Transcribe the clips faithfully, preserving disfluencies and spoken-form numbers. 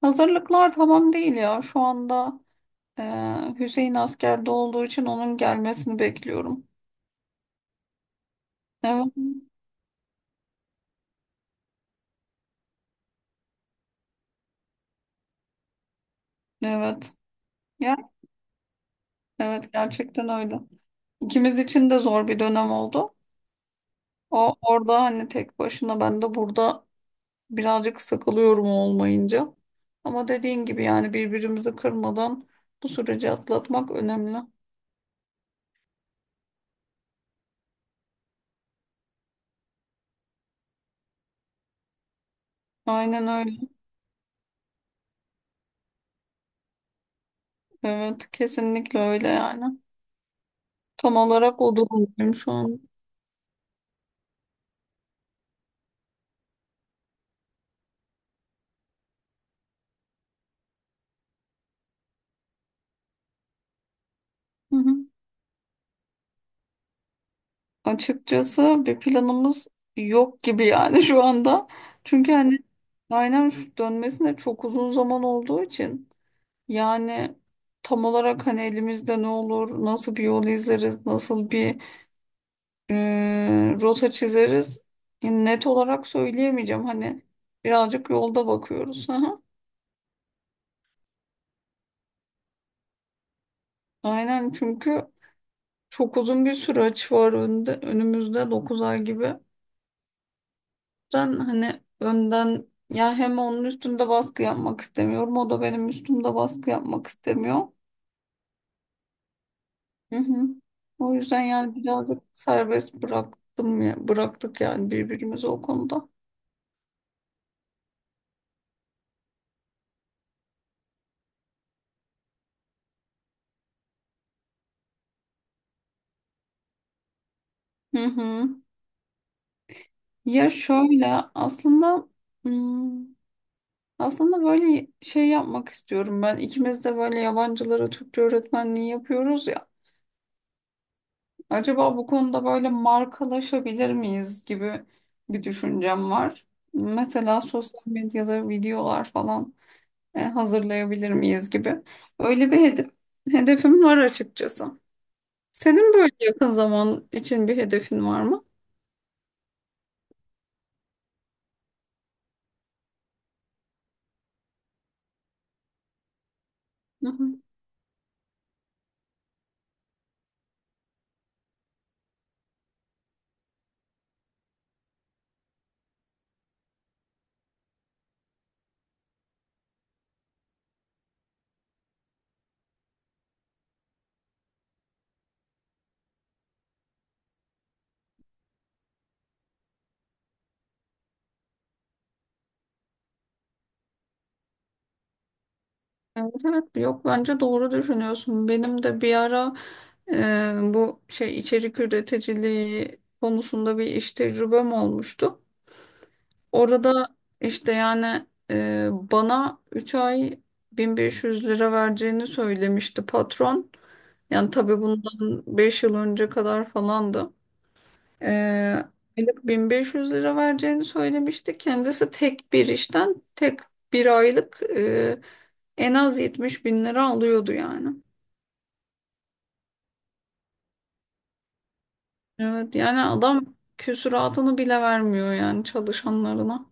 Hazırlıklar tamam değil ya. Şu anda e, Hüseyin askerde olduğu için onun gelmesini bekliyorum. Evet. Evet. Ya, evet gerçekten öyle. İkimiz için de zor bir dönem oldu. O orada hani tek başına ben de burada birazcık sıkılıyorum olmayınca. Ama dediğin gibi yani birbirimizi kırmadan bu süreci atlatmak önemli. Aynen öyle. Evet, kesinlikle öyle yani. Tam olarak o durumdayım şu an. Hı hı. Açıkçası bir planımız yok gibi yani şu anda. Çünkü hani aynen şu dönmesine çok uzun zaman olduğu için yani tam olarak hani elimizde ne olur, nasıl bir yol izleriz, nasıl bir e, rota çizeriz yani net olarak söyleyemeyeceğim. Hani birazcık yolda bakıyoruz. Hı hı. Aynen çünkü çok uzun bir süreç var önde, önümüzde dokuz ay gibi. Ben hani önden ya hem onun üstünde baskı yapmak istemiyorum o da benim üstümde baskı yapmak istemiyor. Hı hı. O yüzden yani birazcık serbest bıraktım ya, bıraktık yani birbirimizi o konuda. Hı hı. Ya şöyle aslında hmm, aslında böyle şey yapmak istiyorum ben. İkimiz de böyle yabancılara Türkçe öğretmenliği yapıyoruz ya. Acaba bu konuda böyle markalaşabilir miyiz gibi bir düşüncem var. Mesela sosyal medyada videolar falan e, hazırlayabilir miyiz gibi. Öyle bir hedef, hedefim var açıkçası. Senin böyle yakın zaman için bir hedefin var mı? Hı hı. Evet, evet, yok bence doğru düşünüyorsun. Benim de bir ara e, bu şey içerik üreticiliği konusunda bir iş tecrübem olmuştu. Orada işte yani e, bana üç ay bin beş yüz lira vereceğini söylemişti patron. Yani tabii bundan beş yıl önce kadar falandı. E, aylık bin beş yüz lira vereceğini söylemişti. Kendisi tek bir işten tek bir aylık e, en az yetmiş bin lira alıyordu yani. Evet yani adam küsuratını bile vermiyor yani çalışanlarına.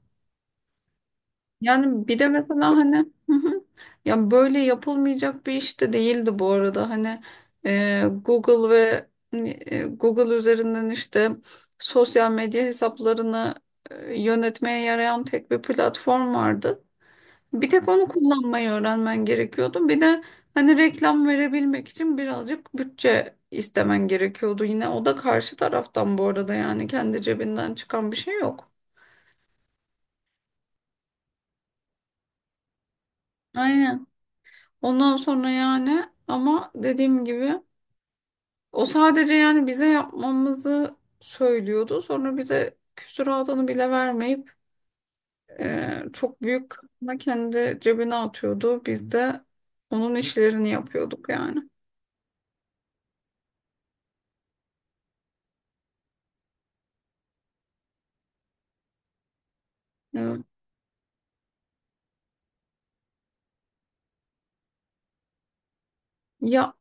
Yani bir de mesela hani. Hı hı. Ya böyle yapılmayacak bir iş de değildi bu arada. Hani e, Google ve hani, e, Google üzerinden işte sosyal medya hesaplarını e, yönetmeye yarayan tek bir platform vardı. Bir tek onu kullanmayı öğrenmen gerekiyordu. Bir de hani reklam verebilmek için birazcık bütçe istemen gerekiyordu. Yine o da karşı taraftan bu arada yani kendi cebinden çıkan bir şey yok. Aynen. Ondan sonra yani ama dediğim gibi o sadece yani bize yapmamızı söylüyordu. Sonra bize küsuratını bile vermeyip e, çok büyük kısmını kendi cebine atıyordu. Biz de onun işlerini yapıyorduk yani. Evet. Ya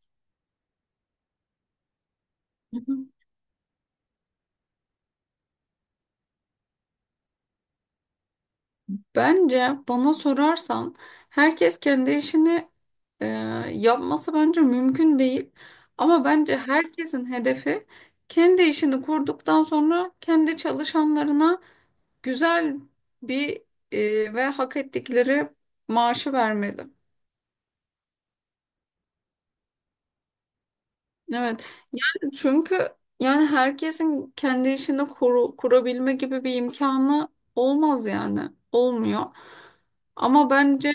bence bana sorarsan herkes kendi işini Ee, yapması bence mümkün değil. Ama bence herkesin hedefi kendi işini kurduktan sonra kendi çalışanlarına güzel bir e, ve hak ettikleri maaşı vermeli. Evet. Yani çünkü yani herkesin kendi işini kuru- kurabilme gibi bir imkanı olmaz yani. Olmuyor. Ama bence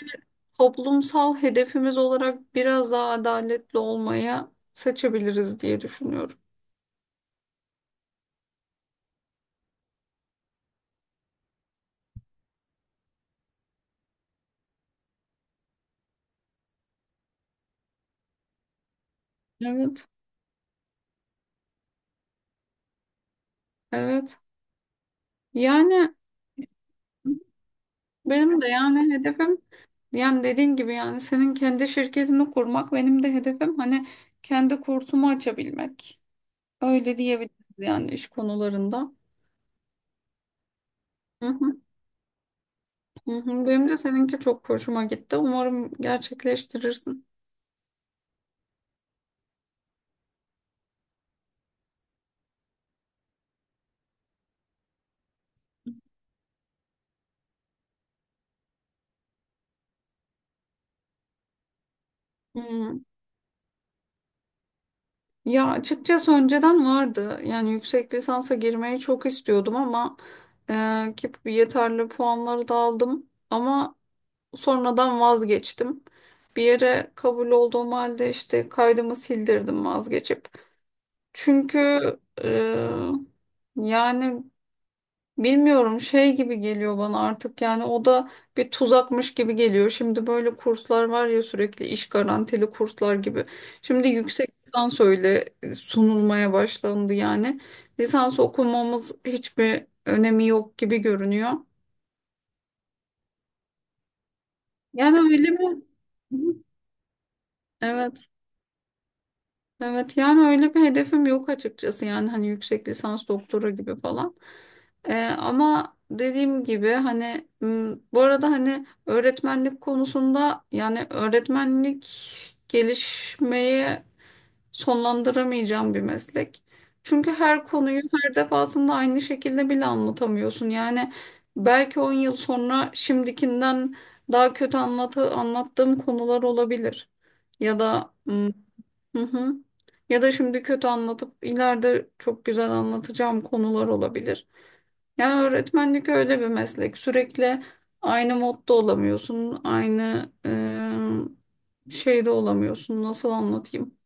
toplumsal hedefimiz olarak biraz daha adaletli olmayı seçebiliriz diye düşünüyorum. Evet. Evet. Yani benim de yani hedefim yani dediğin gibi yani senin kendi şirketini kurmak benim de hedefim hani kendi kursumu açabilmek. Öyle diyebiliriz yani iş konularında. Hı hı. Hı hı, benim de seninki çok hoşuma gitti. Umarım gerçekleştirirsin. Hı. Ya açıkçası önceden vardı. Yani yüksek lisansa girmeyi çok istiyordum ama e, ki yeterli puanları da aldım. Ama sonradan vazgeçtim. Bir yere kabul olduğum halde işte kaydımı sildirdim vazgeçip. Çünkü e, yani bilmiyorum şey gibi geliyor bana artık yani o da bir tuzakmış gibi geliyor. Şimdi böyle kurslar var ya sürekli iş garantili kurslar gibi. Şimdi yüksek lisans öyle sunulmaya başlandı yani. Lisans okumamız hiçbir önemi yok gibi görünüyor. Yani öyle mi? Hı. Evet. Evet yani öyle bir hedefim yok açıkçası yani hani yüksek lisans doktora gibi falan. Ee, ama dediğim gibi hani m, bu arada hani öğretmenlik konusunda yani öğretmenlik gelişmeyi sonlandıramayacağım bir meslek. Çünkü her konuyu her defasında aynı şekilde bile anlatamıyorsun. Yani belki on yıl sonra şimdikinden daha kötü anlatı, anlattığım konular olabilir. Ya da m, Hı hı. Ya da şimdi kötü anlatıp ileride çok güzel anlatacağım konular olabilir. Yani öğretmenlik öyle bir meslek. Sürekli aynı modda olamıyorsun. Aynı e, şeyde olamıyorsun. Nasıl anlatayım?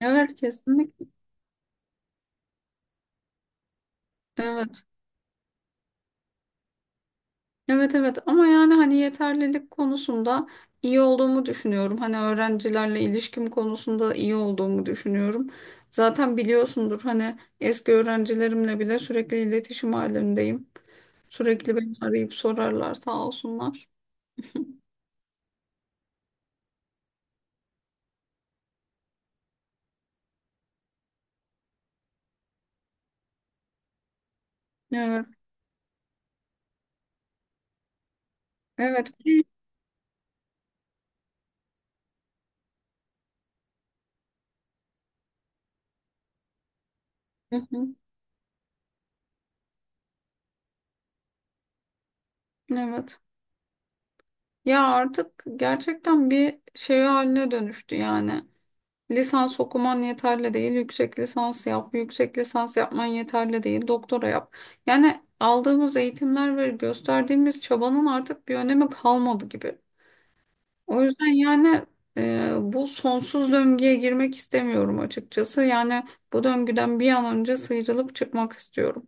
Evet, kesinlikle. Evet. Evet, evet, ama yani hani yeterlilik konusunda iyi olduğumu düşünüyorum. Hani öğrencilerle ilişkim konusunda iyi olduğumu düşünüyorum. Zaten biliyorsundur hani eski öğrencilerimle bile sürekli iletişim halindeyim. Sürekli beni arayıp sorarlar, sağ olsunlar. Evet. Evet. Hı hı. Evet. Ya artık gerçekten bir şey haline dönüştü yani. Lisans okuman yeterli değil, yüksek lisans yap, yüksek lisans yapman yeterli değil, doktora yap. Yani aldığımız eğitimler ve gösterdiğimiz çabanın artık bir önemi kalmadı gibi. O yüzden yani e, bu sonsuz döngüye girmek istemiyorum açıkçası. Yani bu döngüden bir an önce sıyrılıp çıkmak istiyorum.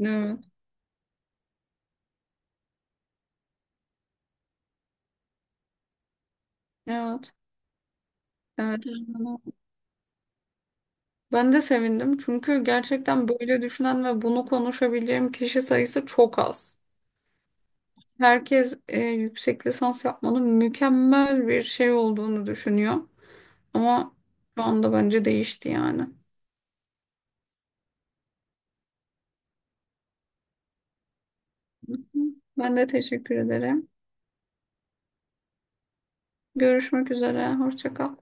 Evet. Evet, evet. Ben de sevindim çünkü gerçekten böyle düşünen ve bunu konuşabileceğim kişi sayısı çok az. Herkes e, yüksek lisans yapmanın mükemmel bir şey olduğunu düşünüyor. Ama şu anda bence değişti yani. Ben de teşekkür ederim. Görüşmek üzere. Hoşça kal.